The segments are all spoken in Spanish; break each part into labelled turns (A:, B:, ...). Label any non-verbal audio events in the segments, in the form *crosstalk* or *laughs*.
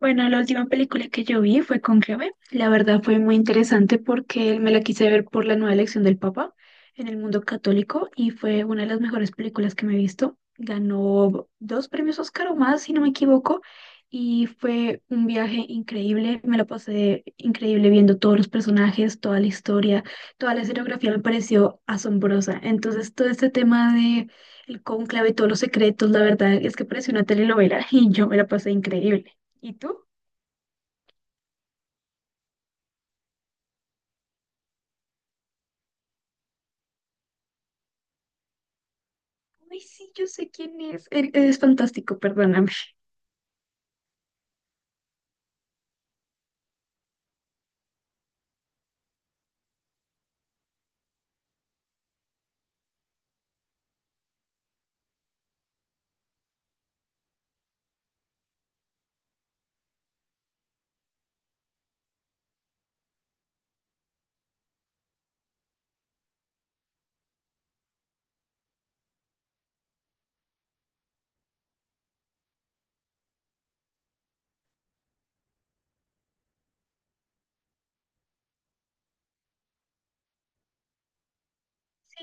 A: Bueno, la última película que yo vi fue Cónclave. La verdad fue muy interesante porque me la quise ver por la nueva elección del Papa en el mundo católico y fue una de las mejores películas que me he visto. Ganó dos premios Oscar o más, si no me equivoco, y fue un viaje increíble. Me la pasé increíble viendo todos los personajes, toda la historia, toda la escenografía me pareció asombrosa. Entonces, todo este tema de el cónclave, todos los secretos, la verdad es que pareció una telenovela *laughs* y yo me la pasé increíble. ¿Y tú? Ay, sí, yo sé quién es. Él es fantástico, perdóname. Sí,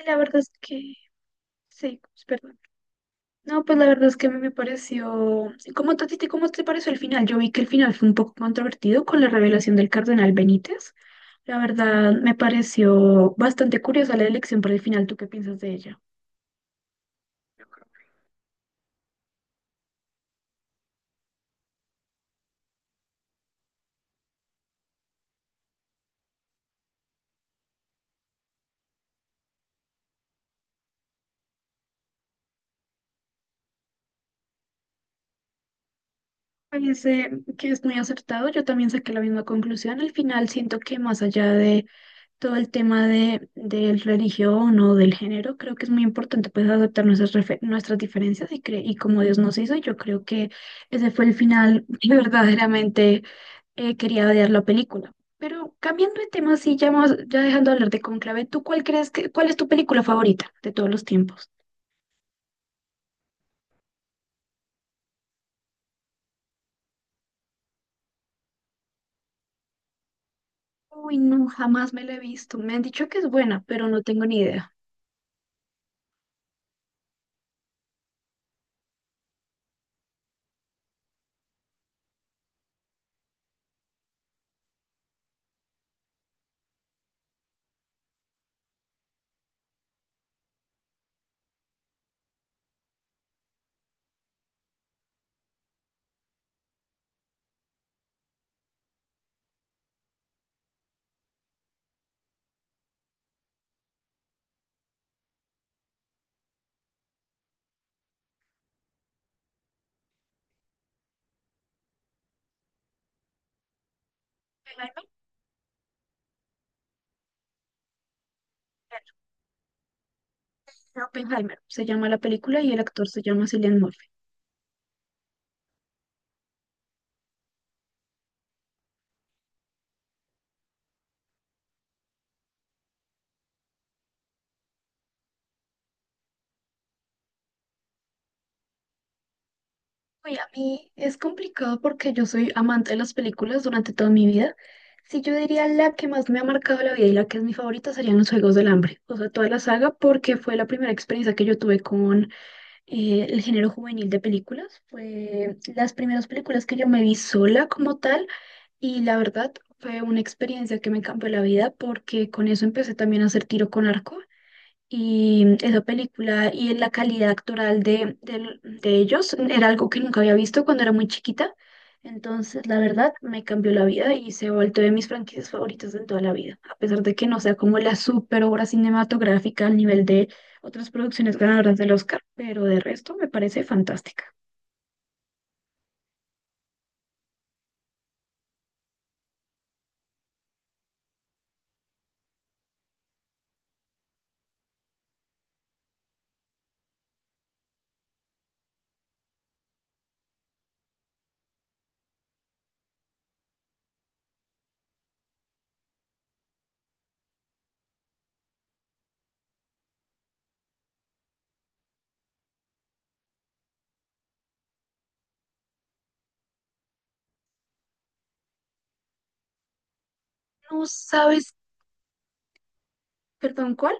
A: la verdad es que sí, pues, perdón. No, pues la verdad es que a mí me pareció. ¿Cómo te, a ti te- cómo te pareció el final? Yo vi que el final fue un poco controvertido con la revelación del cardenal Benítez. La verdad me pareció bastante curiosa la elección para el final. ¿Tú qué piensas de ella? Me parece que es muy acertado. Yo también saqué la misma conclusión. Al final siento que más allá de todo el tema del religión o del género, creo que es muy importante pues aceptar nuestras diferencias y, y como Dios nos hizo, yo creo que ese fue el final *laughs* que verdaderamente quería odiar la película. Pero cambiando de tema, sí, ya, ya dejando de hablar de Conclave, ¿tú cuál crees que, cuál es tu película favorita de todos los tiempos? Uy, no, jamás me la he visto. Me han dicho que es buena, pero no tengo ni idea. Oppenheimer, Oppenheimer se llama la película y el actor se llama Cillian Murphy. Uy, a mí es complicado porque yo soy amante de las películas durante toda mi vida. Si yo diría la que más me ha marcado la vida y la que es mi favorita serían Los Juegos del Hambre, o sea, toda la saga, porque fue la primera experiencia que yo tuve con el género juvenil de películas. Fue las primeras películas que yo me vi sola como tal y la verdad fue una experiencia que me cambió la vida porque con eso empecé también a hacer tiro con arco y esa película y en la calidad actoral de, del- de ellos era algo que nunca había visto cuando era muy chiquita. Entonces, la verdad, me cambió la vida y se ha vuelto de mis franquicias favoritas en toda la vida. A pesar de que no sea como la super obra cinematográfica al nivel de otras producciones ganadoras del Oscar, pero de resto me parece fantástica. ¿No sabes, perdón, cuál?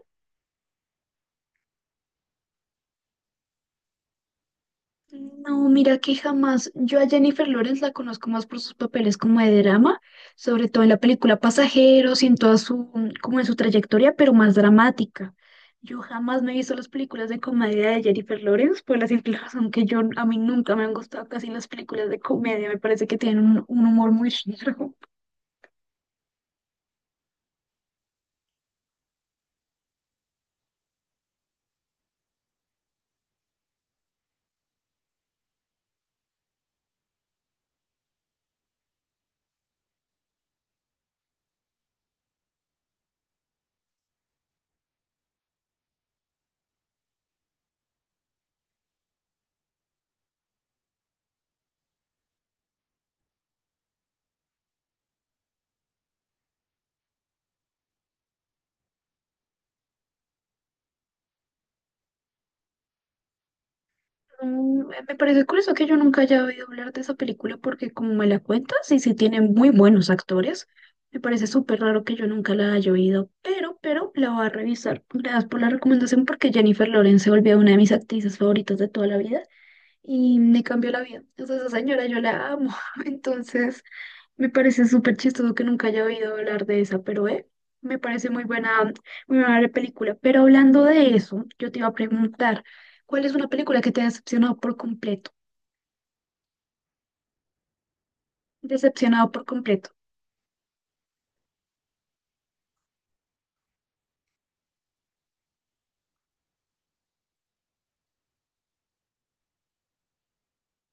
A: No, mira que jamás. Yo a Jennifer Lawrence la conozco más por sus papeles como de drama, sobre todo en la película Pasajeros y en toda su, como en su trayectoria, pero más dramática. Yo jamás me he visto las películas de comedia de Jennifer Lawrence por la simple *laughs* razón que yo a mí nunca me han gustado casi las películas de comedia. Me parece que tienen un humor muy raro. Me parece curioso que yo nunca haya oído hablar de esa película porque como me la cuentas y sí tiene muy buenos actores, me parece súper raro que yo nunca la haya oído, pero la voy a revisar. Gracias por la recomendación porque Jennifer Lawrence se volvió una de mis actrices favoritas de toda la vida y me cambió la vida. O sea, esa señora yo la amo, *laughs* entonces me parece súper chistoso que nunca haya oído hablar de esa, pero me parece muy buena película. Pero hablando de eso, yo te iba a preguntar, ¿cuál es una película que te ha decepcionado por completo? Decepcionado por completo.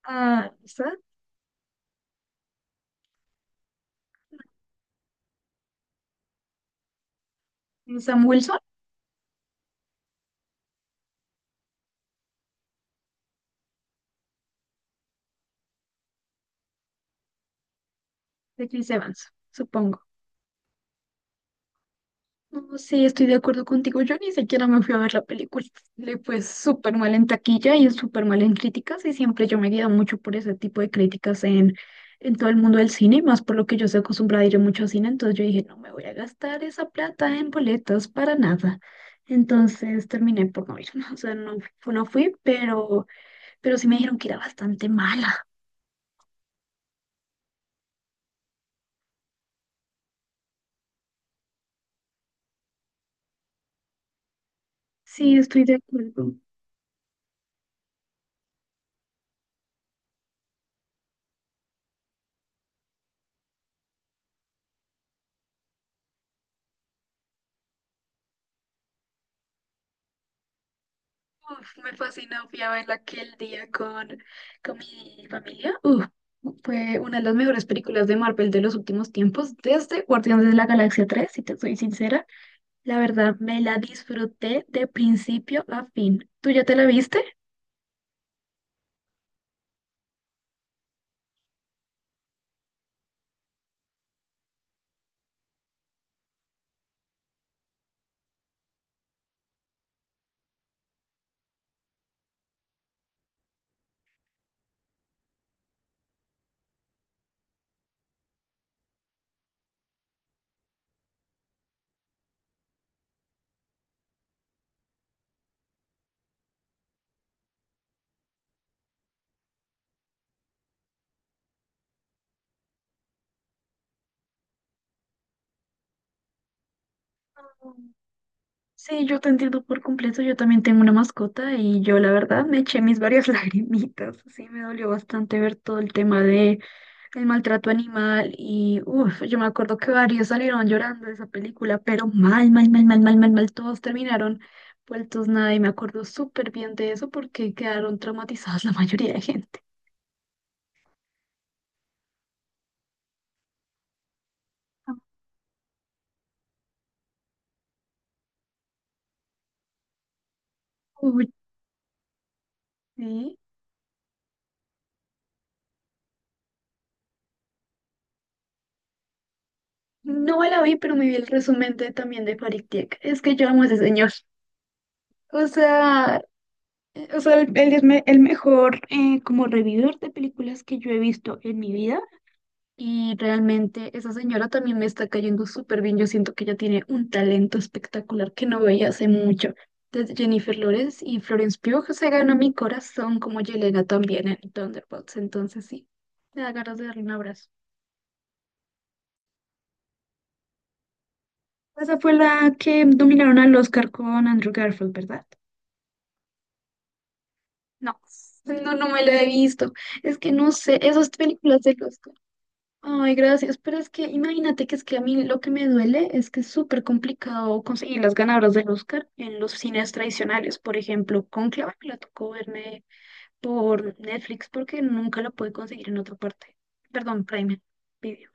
A: Ah, ¿esa? Sam Wilson de Chris Evans, supongo. No, sí, estoy de acuerdo contigo. Yo ni siquiera me fui a ver la película. Le fue súper mal en taquilla y súper mal en críticas y siempre yo me guío mucho por ese tipo de críticas en todo el mundo del cine, y más por lo que yo soy acostumbrada a ir mucho al cine, entonces yo dije, no me voy a gastar esa plata en boletas para nada. Entonces terminé por no ir, *laughs* o sea, no, no fui, pero sí me dijeron que era bastante mala. Sí, estoy de acuerdo. Uf, me fascinó, fui a verla aquel día con mi familia. Uf, fue una de las mejores películas de Marvel de los últimos tiempos, desde Guardianes de la Galaxia 3 si te soy sincera. La verdad, me la disfruté de principio a fin. ¿Tú ya te la viste? Sí, yo te entiendo por completo. Yo también tengo una mascota y yo la verdad me eché mis varias *laughs* lagrimitas. Sí, me dolió bastante ver todo el tema de el maltrato animal y uff, yo me acuerdo que varios salieron llorando de esa película, pero mal, mal, mal, mal, mal, mal, mal, todos terminaron vueltos nada y me acuerdo súper bien de eso porque quedaron traumatizadas la mayoría de gente. Uy, sí. No me la vi, pero me vi el resumen de, también de Farid Dieck. Es que yo amo a ese señor. O sea, O sea, él es el mejor como revividor de películas que yo he visto en mi vida y realmente esa señora también me está cayendo súper bien. Yo siento que ella tiene un talento espectacular que no veía hace mucho. Desde Jennifer Lawrence y Florence Pugh se ganó mi corazón como Yelena también en Thunderbolts. Entonces sí, me da ganas de darle un abrazo. Esa fue la que dominaron al Oscar con Andrew Garfield, ¿verdad? No, no, no me la he visto. Es que no sé, esas películas de Oscar. Ay, gracias, pero es que imagínate que es que a mí lo que me duele es que es súper complicado conseguir las ganadoras del Oscar en los cines tradicionales. Por ejemplo, Cónclave me la tocó verme por Netflix porque nunca la pude conseguir en otra parte. Perdón, Prime Video.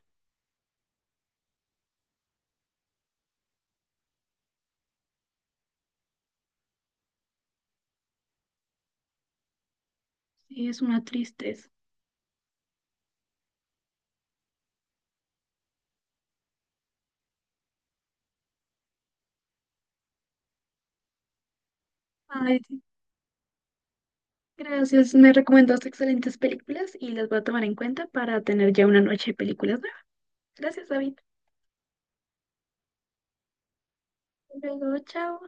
A: Sí, es una tristeza. Ay, sí. Gracias, me recomendaste excelentes películas y las voy a tomar en cuenta para tener ya una noche de películas nuevas. Gracias, David. Hasta luego, chao.